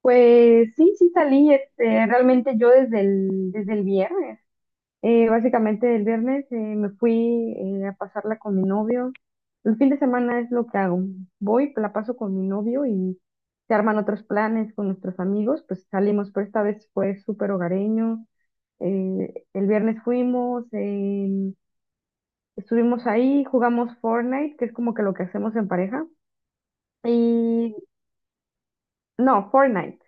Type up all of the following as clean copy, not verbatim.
Pues sí, sí salí, este, realmente yo desde el viernes, básicamente el viernes me fui a pasarla con mi novio. El fin de semana es lo que hago. Voy, la paso con mi novio y se arman otros planes con nuestros amigos, pues salimos, pero esta vez fue súper hogareño. El viernes fuimos, estuvimos ahí, jugamos Fortnite, que es como que lo que hacemos en pareja. Y no, Fortnite.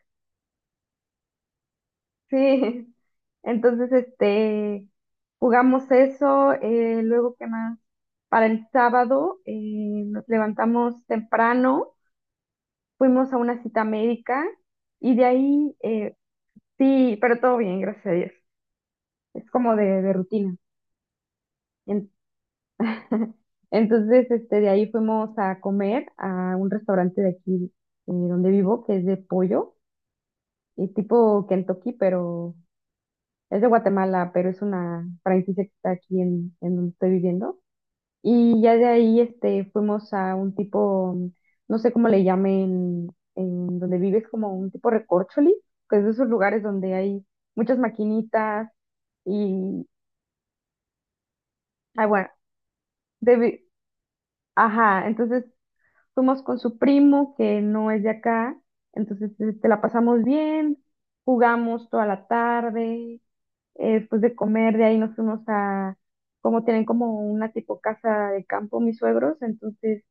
Sí, entonces este jugamos eso, luego qué más. Para el sábado nos levantamos temprano, fuimos a una cita médica y de ahí sí, pero todo bien, gracias a Dios. Es como de rutina. En- Entonces este de ahí fuimos a comer a un restaurante de aquí donde vivo, que es de pollo, y tipo Kentucky, pero es de Guatemala, pero es una franquicia que está aquí en donde estoy viviendo. Y ya de ahí este, fuimos a un tipo, no sé cómo le llamen, en donde vives, como un tipo recorcholi, que es de esos lugares donde hay muchas maquinitas y, ah, bueno, de vi- ajá, entonces fuimos con su primo que no es de acá, entonces este, la pasamos bien, jugamos toda la tarde. Después de comer, de ahí nos fuimos a, como tienen como una tipo casa de campo mis suegros, entonces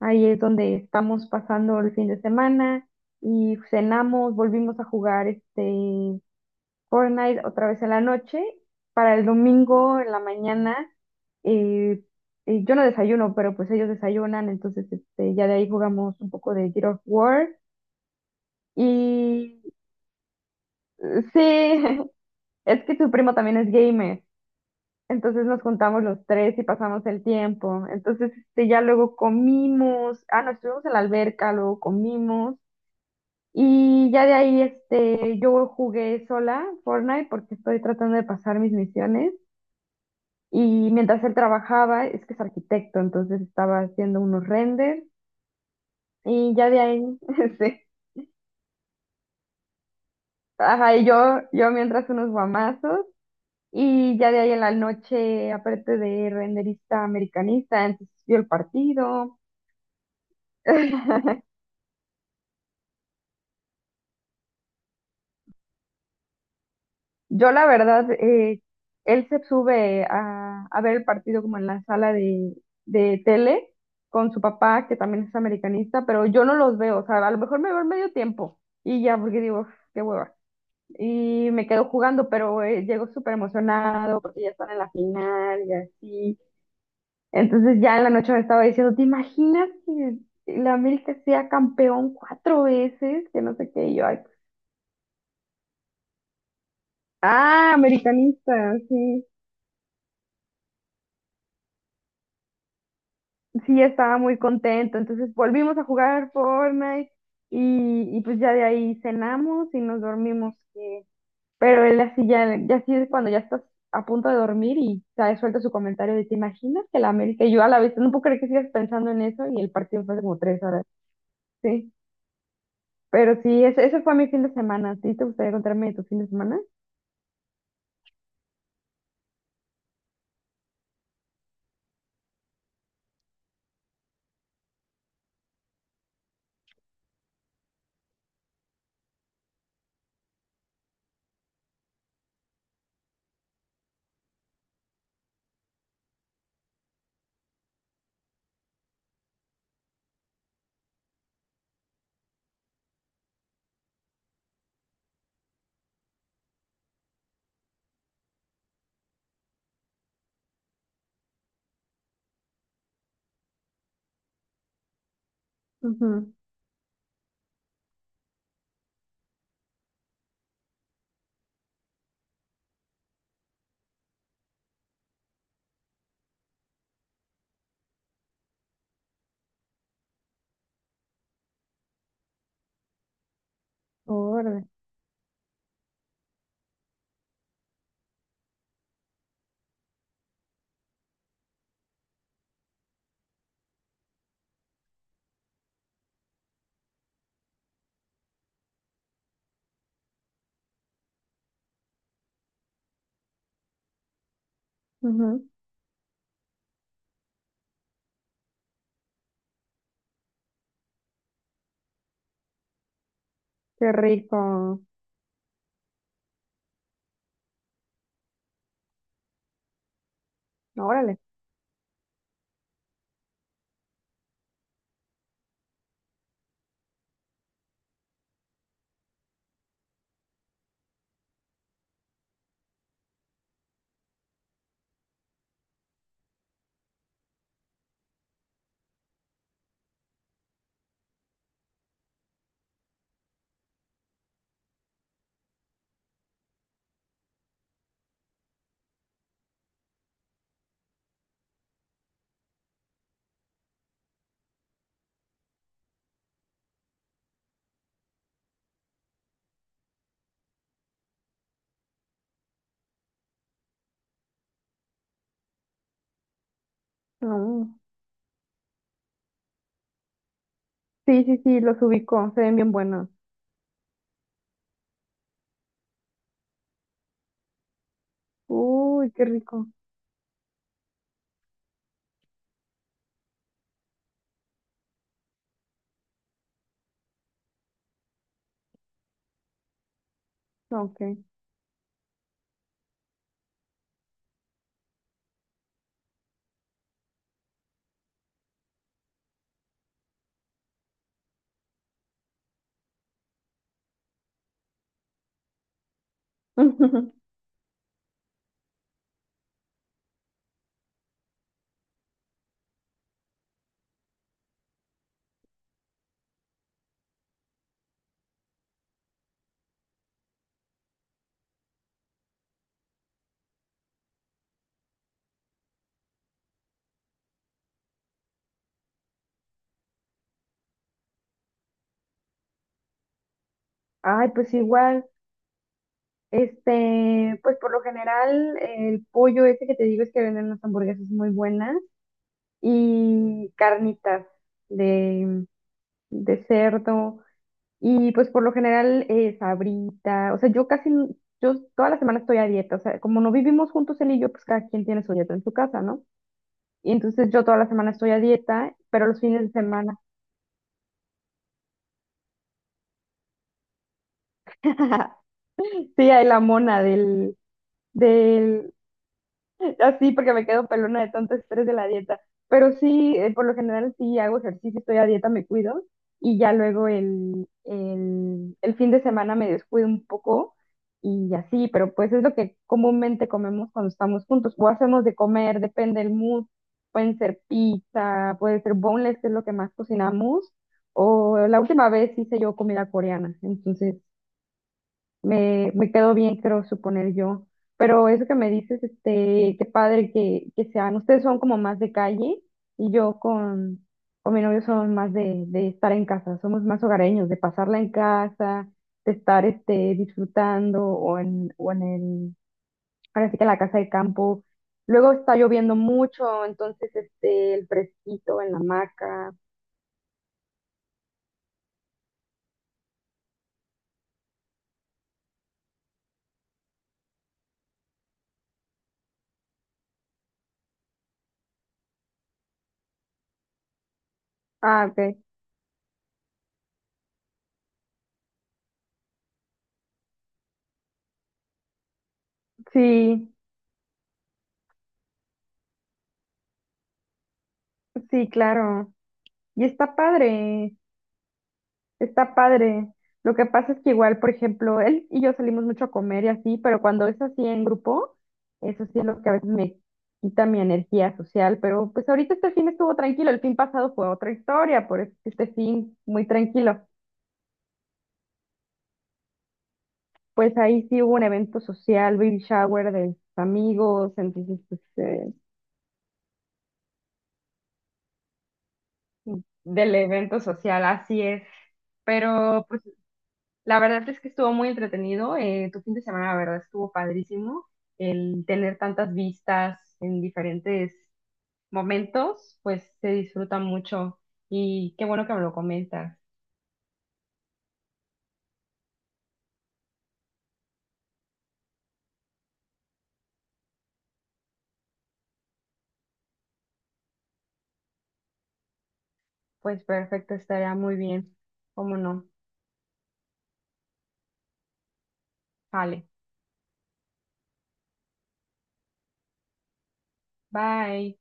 ahí es donde estamos pasando el fin de semana y cenamos, volvimos a jugar este Fortnite otra vez en la noche. Para el domingo en la mañana, eh, yo no desayuno, pero pues ellos desayunan, entonces este, ya de ahí jugamos un poco de Gears of War. Y sí, es que tu primo también es gamer. Entonces nos juntamos los tres y pasamos el tiempo. Entonces, este, ya luego comimos, ah, no, estuvimos en la alberca, luego comimos y ya de ahí, este, yo jugué sola Fortnite porque estoy tratando de pasar mis misiones y mientras él trabajaba, es que es arquitecto, entonces estaba haciendo unos renders y ya de ahí, este, ajá, y yo mientras unos guamazos. Y ya de ahí en la noche, aparte de renderista americanista, entonces vio el partido. Yo la verdad, él se sube a ver el partido como en la sala de tele con su papá, que también es americanista, pero yo no los veo, o sea, a lo mejor me veo en medio tiempo y ya, porque digo, "Uf, qué hueva". Y me quedo jugando, pero llego súper emocionado porque ya están en la final y así. Entonces ya en la noche me estaba diciendo, "¿Te imaginas que la América sea campeón cuatro veces? Que no sé qué", y yo, "Ay, ah, americanista, sí". Sí estaba muy contento. Entonces volvimos a jugar Fortnite y pues ya de ahí cenamos y nos dormimos. Pero él así ya así es cuando ya estás a punto de dormir y te suelta su comentario de "¿te imaginas que la América?". Y yo a la vez, no puedo creer que sigas pensando en eso y el partido fue hace como tres horas. Sí, pero sí, ese fue mi fin de semana. ¿A ti te gustaría contarme de tu fin de semana? Ujú. Órale. Ujú. Qué rico. Órale. No. Sí, sí, sí, los ubico. Se ven bien buenos. Uy, qué rico. Ok. Ay, pues igual, este, pues por lo general el pollo ese que te digo es que venden las hamburguesas muy buenas y carnitas de, de cerdo y pues por lo general sabrita, o sea, yo casi, n- yo toda la semana estoy a dieta, o sea, como no vivimos juntos él y yo, pues cada quien tiene su dieta en su casa, ¿no? Y entonces yo toda la semana estoy a dieta, pero los fines de semana, sí, hay la mona del así porque me quedo pelona de tanto estrés de la dieta. Pero sí, por lo general sí hago ejercicio, estoy a dieta, me cuido y ya luego el fin de semana me descuido un poco y así, pero pues es lo que comúnmente comemos cuando estamos juntos o hacemos de comer, depende del mood. Pueden ser pizza, puede ser boneless, que es lo que más cocinamos, o la última vez hice yo comida coreana, entonces me quedó bien, creo suponer yo. Pero eso que me dices, este, qué padre que sean. Ustedes son como más de calle y yo con mi novio somos más de estar en casa, somos más hogareños, de pasarla en casa, de estar este, disfrutando o en el, ahora sí que la casa de campo. Luego está lloviendo mucho, entonces este, el fresquito en la hamaca. Ah, ok. Sí, sí, claro. Y está padre. Está padre. Lo que pasa es que igual, por ejemplo, él y yo salimos mucho a comer y así, pero cuando es así en grupo, eso sí es lo que a veces me quita mi energía social, pero pues ahorita este fin estuvo tranquilo, el fin pasado fue otra historia, por eso este fin muy tranquilo. Pues ahí sí hubo un evento social, baby shower de amigos, entonces pues, del evento social, así es. Pero pues la verdad es que estuvo muy entretenido. Eh, tu fin de semana, la verdad, estuvo padrísimo. El tener tantas vistas en diferentes momentos, pues se disfruta mucho. Y qué bueno que me lo comentas. Pues perfecto, estaría muy bien. ¿Cómo no? Vale. Bye.